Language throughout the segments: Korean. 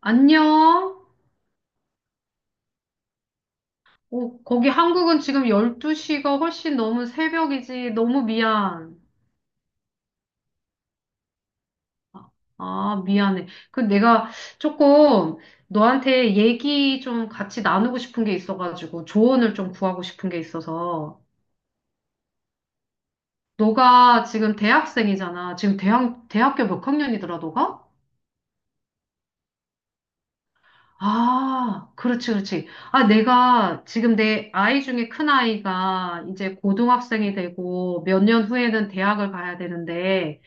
안녕? 오, 거기 한국은 지금 12시가 훨씬 너무 새벽이지. 너무 미안. 아, 미안해. 그 내가 조금 너한테 얘기 좀 같이 나누고 싶은 게 있어가지고 조언을 좀 구하고 싶은 게 있어서. 너가 지금 대학생이잖아. 지금 대학교 몇 학년이더라, 너가? 아, 그렇지, 그렇지. 아, 내가 지금 내 아이 중에 큰 아이가 이제 고등학생이 되고 몇 년 후에는 대학을 가야 되는데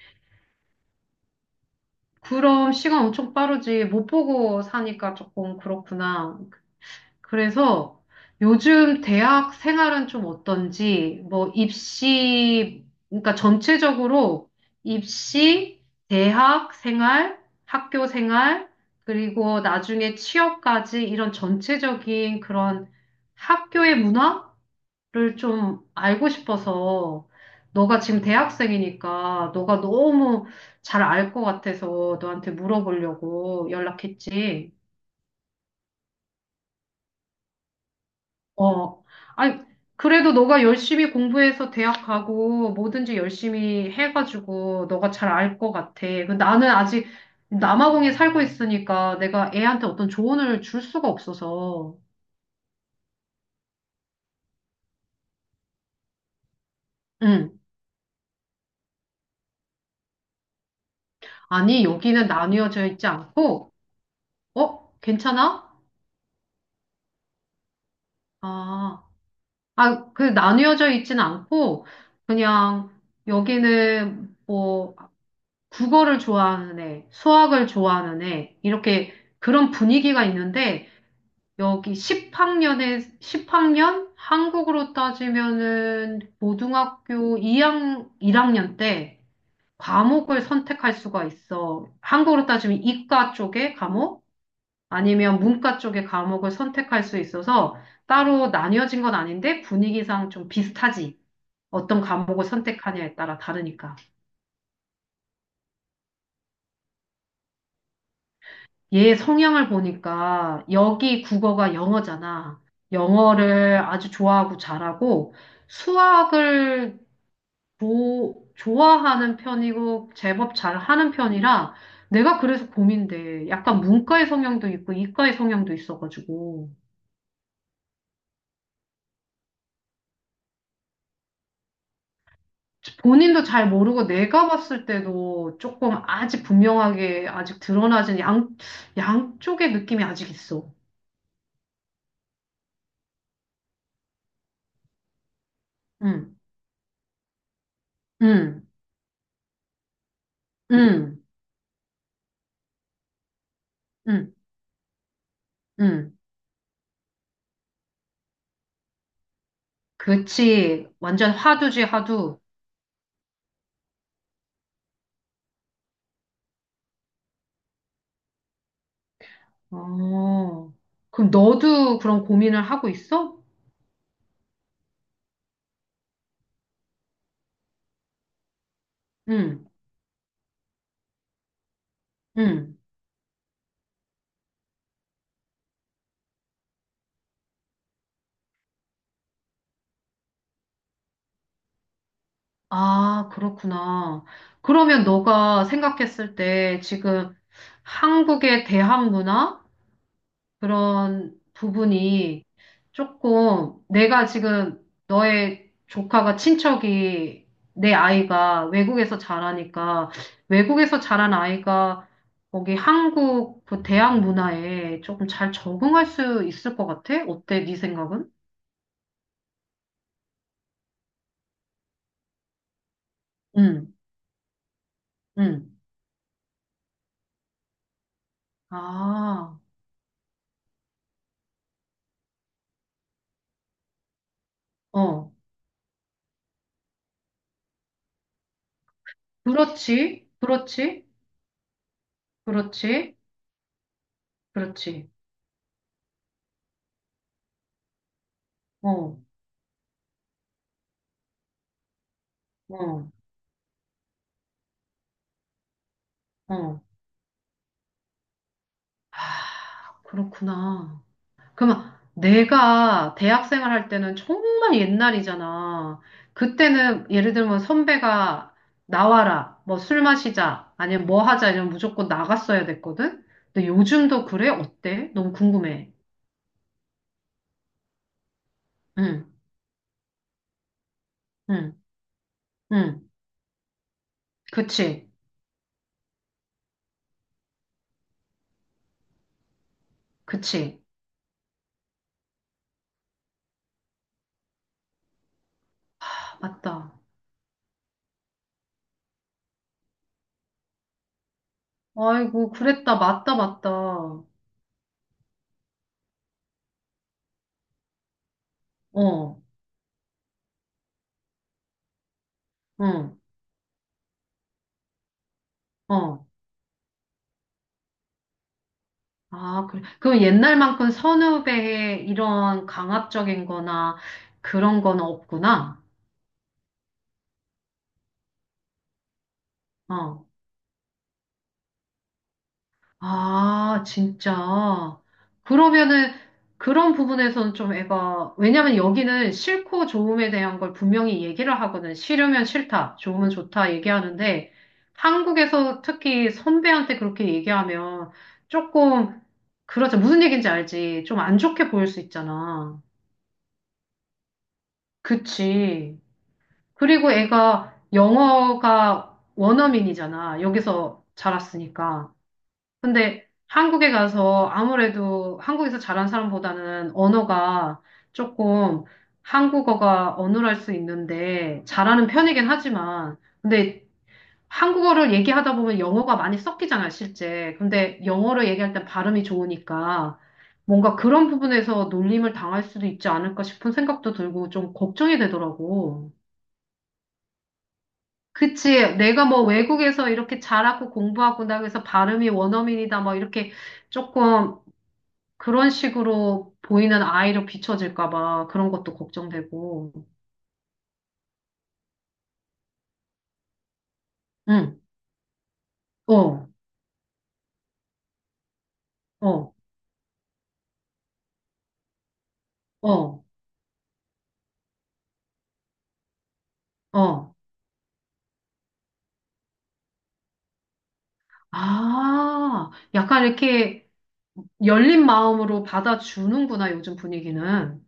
그럼 시간 엄청 빠르지. 못 보고 사니까 조금 그렇구나. 그래서 요즘 대학 생활은 좀 어떤지, 뭐 입시, 그러니까 전체적으로 입시, 대학 생활, 학교 생활, 그리고 나중에 취업까지 이런 전체적인 그런 학교의 문화? 를 좀 알고 싶어서 너가 지금 대학생이니까 너가 너무 잘 알 것 같아서 너한테 물어보려고 연락했지. 어. 아니, 그래도 너가 열심히 공부해서 대학 가고 뭐든지 열심히 해가지고 너가 잘 알 것 같아. 근데 나는 아직 남아공에 살고 있으니까 내가 애한테 어떤 조언을 줄 수가 없어서. 응. 아니, 여기는 나뉘어져 있지 않고, 어? 괜찮아? 아. 아, 그 나뉘어져 있진 않고 그냥 여기는 뭐 국어를 좋아하는 애, 수학을 좋아하는 애 이렇게 그런 분위기가 있는데 여기 10학년에 10학년 한국으로 따지면은 고등학교 1학년 때 과목을 선택할 수가 있어. 한국으로 따지면 이과 쪽의 과목 아니면 문과 쪽의 과목을 선택할 수 있어서 따로 나뉘어진 건 아닌데 분위기상 좀 비슷하지. 어떤 과목을 선택하냐에 따라 다르니까. 얘 성향을 보니까 여기 국어가 영어잖아. 영어를 아주 좋아하고 잘하고 수학을 좋아하는 편이고 제법 잘하는 편이라 내가 그래서 고민돼. 약간 문과의 성향도 있고 이과의 성향도 있어가지고. 본인도 잘 모르고 내가 봤을 때도 조금 아직 분명하게 아직 양쪽의 느낌이 아직 있어. 응, 응, 응. 응, 응. 그치. 완전 화두지, 화두. 어. 그럼 너도 그런 고민을 하고 있어? 응, 응. 아, 그렇구나. 그러면 너가 생각했을 때 지금 한국의 대학 문화? 그런 부분이 조금 내가 지금 너의 조카가 친척이 내 아이가 외국에서 자라니까 외국에서 자란 아이가 거기 한국 그 대학 문화에 조금 잘 적응할 수 있을 것 같아? 어때? 네 생각은? 응, 응. 아, 어. 그렇지, 그렇지, 그렇지, 그렇지. 어, 어, 어. 그렇구나. 그러면 내가 대학생활 할 때는 정말 옛날이잖아. 그때는 예를 들면 선배가 나와라, 뭐 술 마시자, 아니면 뭐 하자 이러면 무조건 나갔어야 됐거든? 근데 요즘도 그래? 어때? 너무 궁금해. 응, 응, 응. 그치, 그치. 아, 맞다. 아이고, 그랬다. 맞다, 맞다. 어, 응, 어. 아, 그래. 그럼 옛날만큼 선후배의 이런 강압적인 거나 그런 건 없구나. 어. 아, 진짜. 그러면은 그런 부분에서는 좀 애가, 왜냐면 여기는 싫고 좋음에 대한 걸 분명히 얘기를 하거든. 싫으면 싫다, 좋으면 좋다 얘기하는데 한국에서 특히 선배한테 그렇게 얘기하면 조금, 그렇죠. 무슨 얘기인지 알지. 좀 안 좋게 보일 수 있잖아. 그치. 그리고 애가 영어가 원어민이잖아. 여기서 자랐으니까. 근데 한국에 가서 아무래도 한국에서 자란 사람보다는 언어가 조금 한국어가 어눌할 수 있는데 잘하는 편이긴 하지만 근데 한국어를 얘기하다 보면 영어가 많이 섞이잖아, 실제. 근데 영어를 얘기할 땐 발음이 좋으니까 뭔가 그런 부분에서 놀림을 당할 수도 있지 않을까 싶은 생각도 들고 좀 걱정이 되더라고. 그치. 내가 뭐 외국에서 이렇게 자랐고 공부하고 나그래서 발음이 원어민이다 뭐 이렇게 조금 그런 식으로 보이는 아이로 비춰질까 봐 그런 것도 걱정되고. 응. 어, 어, 어, 어. 아, 약간 이렇게 열린 마음으로 받아주는구나, 요즘 분위기는.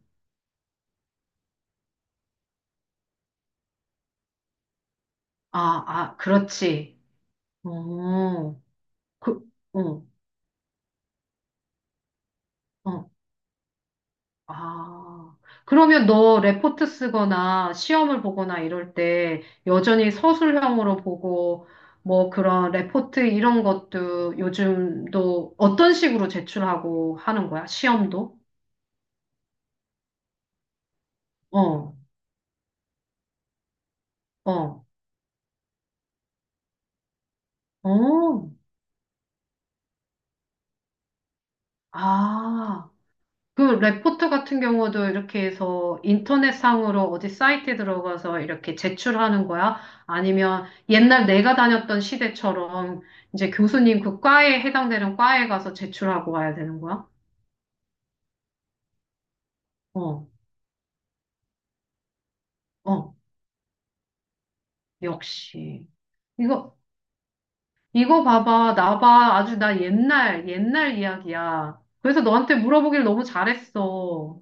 아, 아, 그렇지. 어, 그, 어, 어, 아, 그러면 너 레포트 쓰거나 시험을 보거나 이럴 때 여전히 서술형으로 보고 뭐 그런 레포트 이런 것도 요즘도 어떤 식으로 제출하고 하는 거야? 시험도? 어, 어, 어. 아, 그 레포트 같은 경우도 이렇게 해서 인터넷상으로 어디 사이트에 들어가서 이렇게 제출하는 거야? 아니면 옛날 내가 다녔던 시대처럼 이제 교수님 그 과에 해당되는 과에 가서 제출하고 와야 되는 거야? 어, 어, 역시. 이거, 이거 봐봐. 나 봐. 아주 나 옛날, 옛날 이야기야. 그래서 너한테 물어보길 너무 잘했어.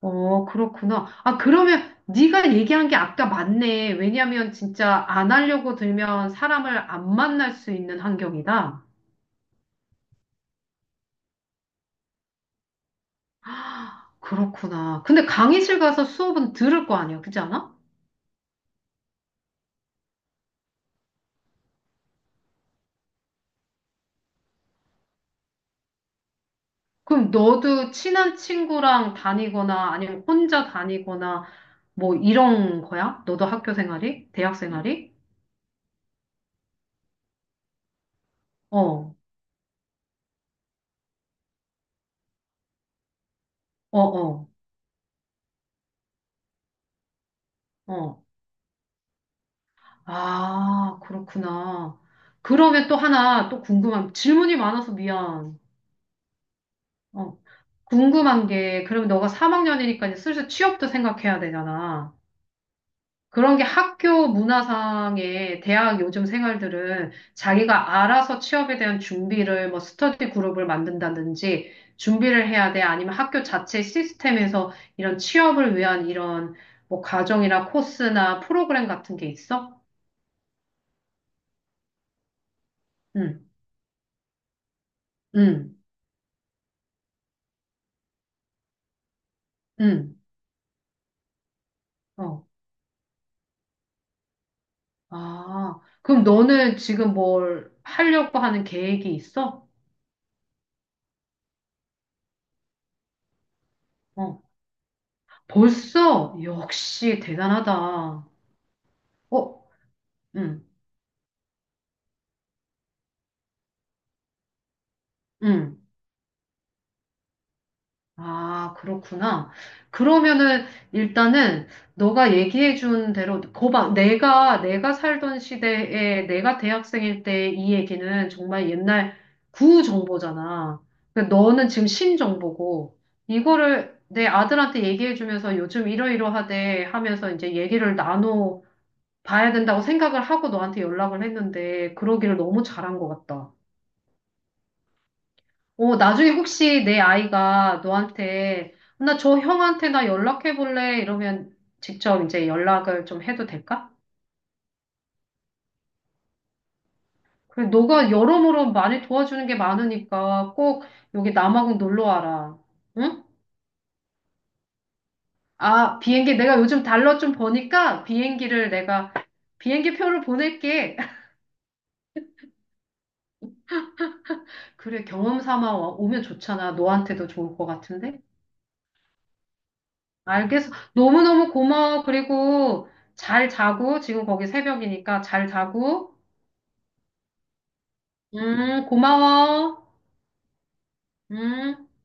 어, 그렇구나. 아, 그러면 네가 얘기한 게 아까 맞네. 왜냐면 진짜 안 하려고 들면 사람을 안 만날 수 있는 환경이다. 그렇구나. 근데 강의실 가서 수업은 들을 거 아니야. 그렇지 않아? 그럼 너도 친한 친구랑 다니거나 아니면 혼자 다니거나 뭐 이런 거야? 너도 학교 생활이? 대학 생활이? 어, 어, 어, 어. 아, 그렇구나. 그러면 또 하나 또 궁금한 질문이 많아서 미안. 어. 궁금한 게, 그럼 너가 3학년이니까 이제 슬슬 취업도 생각해야 되잖아. 그런 게 학교 문화상의 대학 요즘 생활들은 자기가 알아서 취업에 대한 준비를 뭐 스터디 그룹을 만든다든지 준비를 해야 돼. 아니면 학교 자체 시스템에서 이런 취업을 위한 이런 뭐 과정이나 코스나 프로그램 같은 게 있어? 응, 응, 응. 어. 아, 그럼 너는 지금 뭘 하려고 하는 계획이 있어? 어. 벌써? 역시 대단하다. 어, 응, 응. 아, 그렇구나. 그러면은 일단은 너가 얘기해 준 대로 거봐. 내가 내가 살던 시대에 내가 대학생일 때 이 얘기는 정말 옛날 구정보잖아. 근데 너는 지금 신정보고 이거를 내 아들한테 얘기해 주면서 요즘 이러이러하대 하면서 이제 얘기를 나눠 봐야 된다고 생각을 하고 너한테 연락을 했는데 그러기를 너무 잘한 것 같다. 어, 나중에 혹시 내 아이가 너한테, 나 저 형한테 나 연락해 볼래? 이러면 직접 이제 연락을 좀 해도 될까? 그래, 너가 여러모로 많이 도와주는 게 많으니까 꼭 여기 남아공 놀러 와라. 응? 아, 비행기 내가 요즘 달러 좀 버니까 비행기를 내가 비행기 표를 보낼게. 그래, 경험 삼아 오면 좋잖아. 너한테도 좋을 것 같은데? 알겠어. 너무너무 고마워. 그리고 잘 자고, 지금 거기 새벽이니까 잘 자고, 고마워. 음.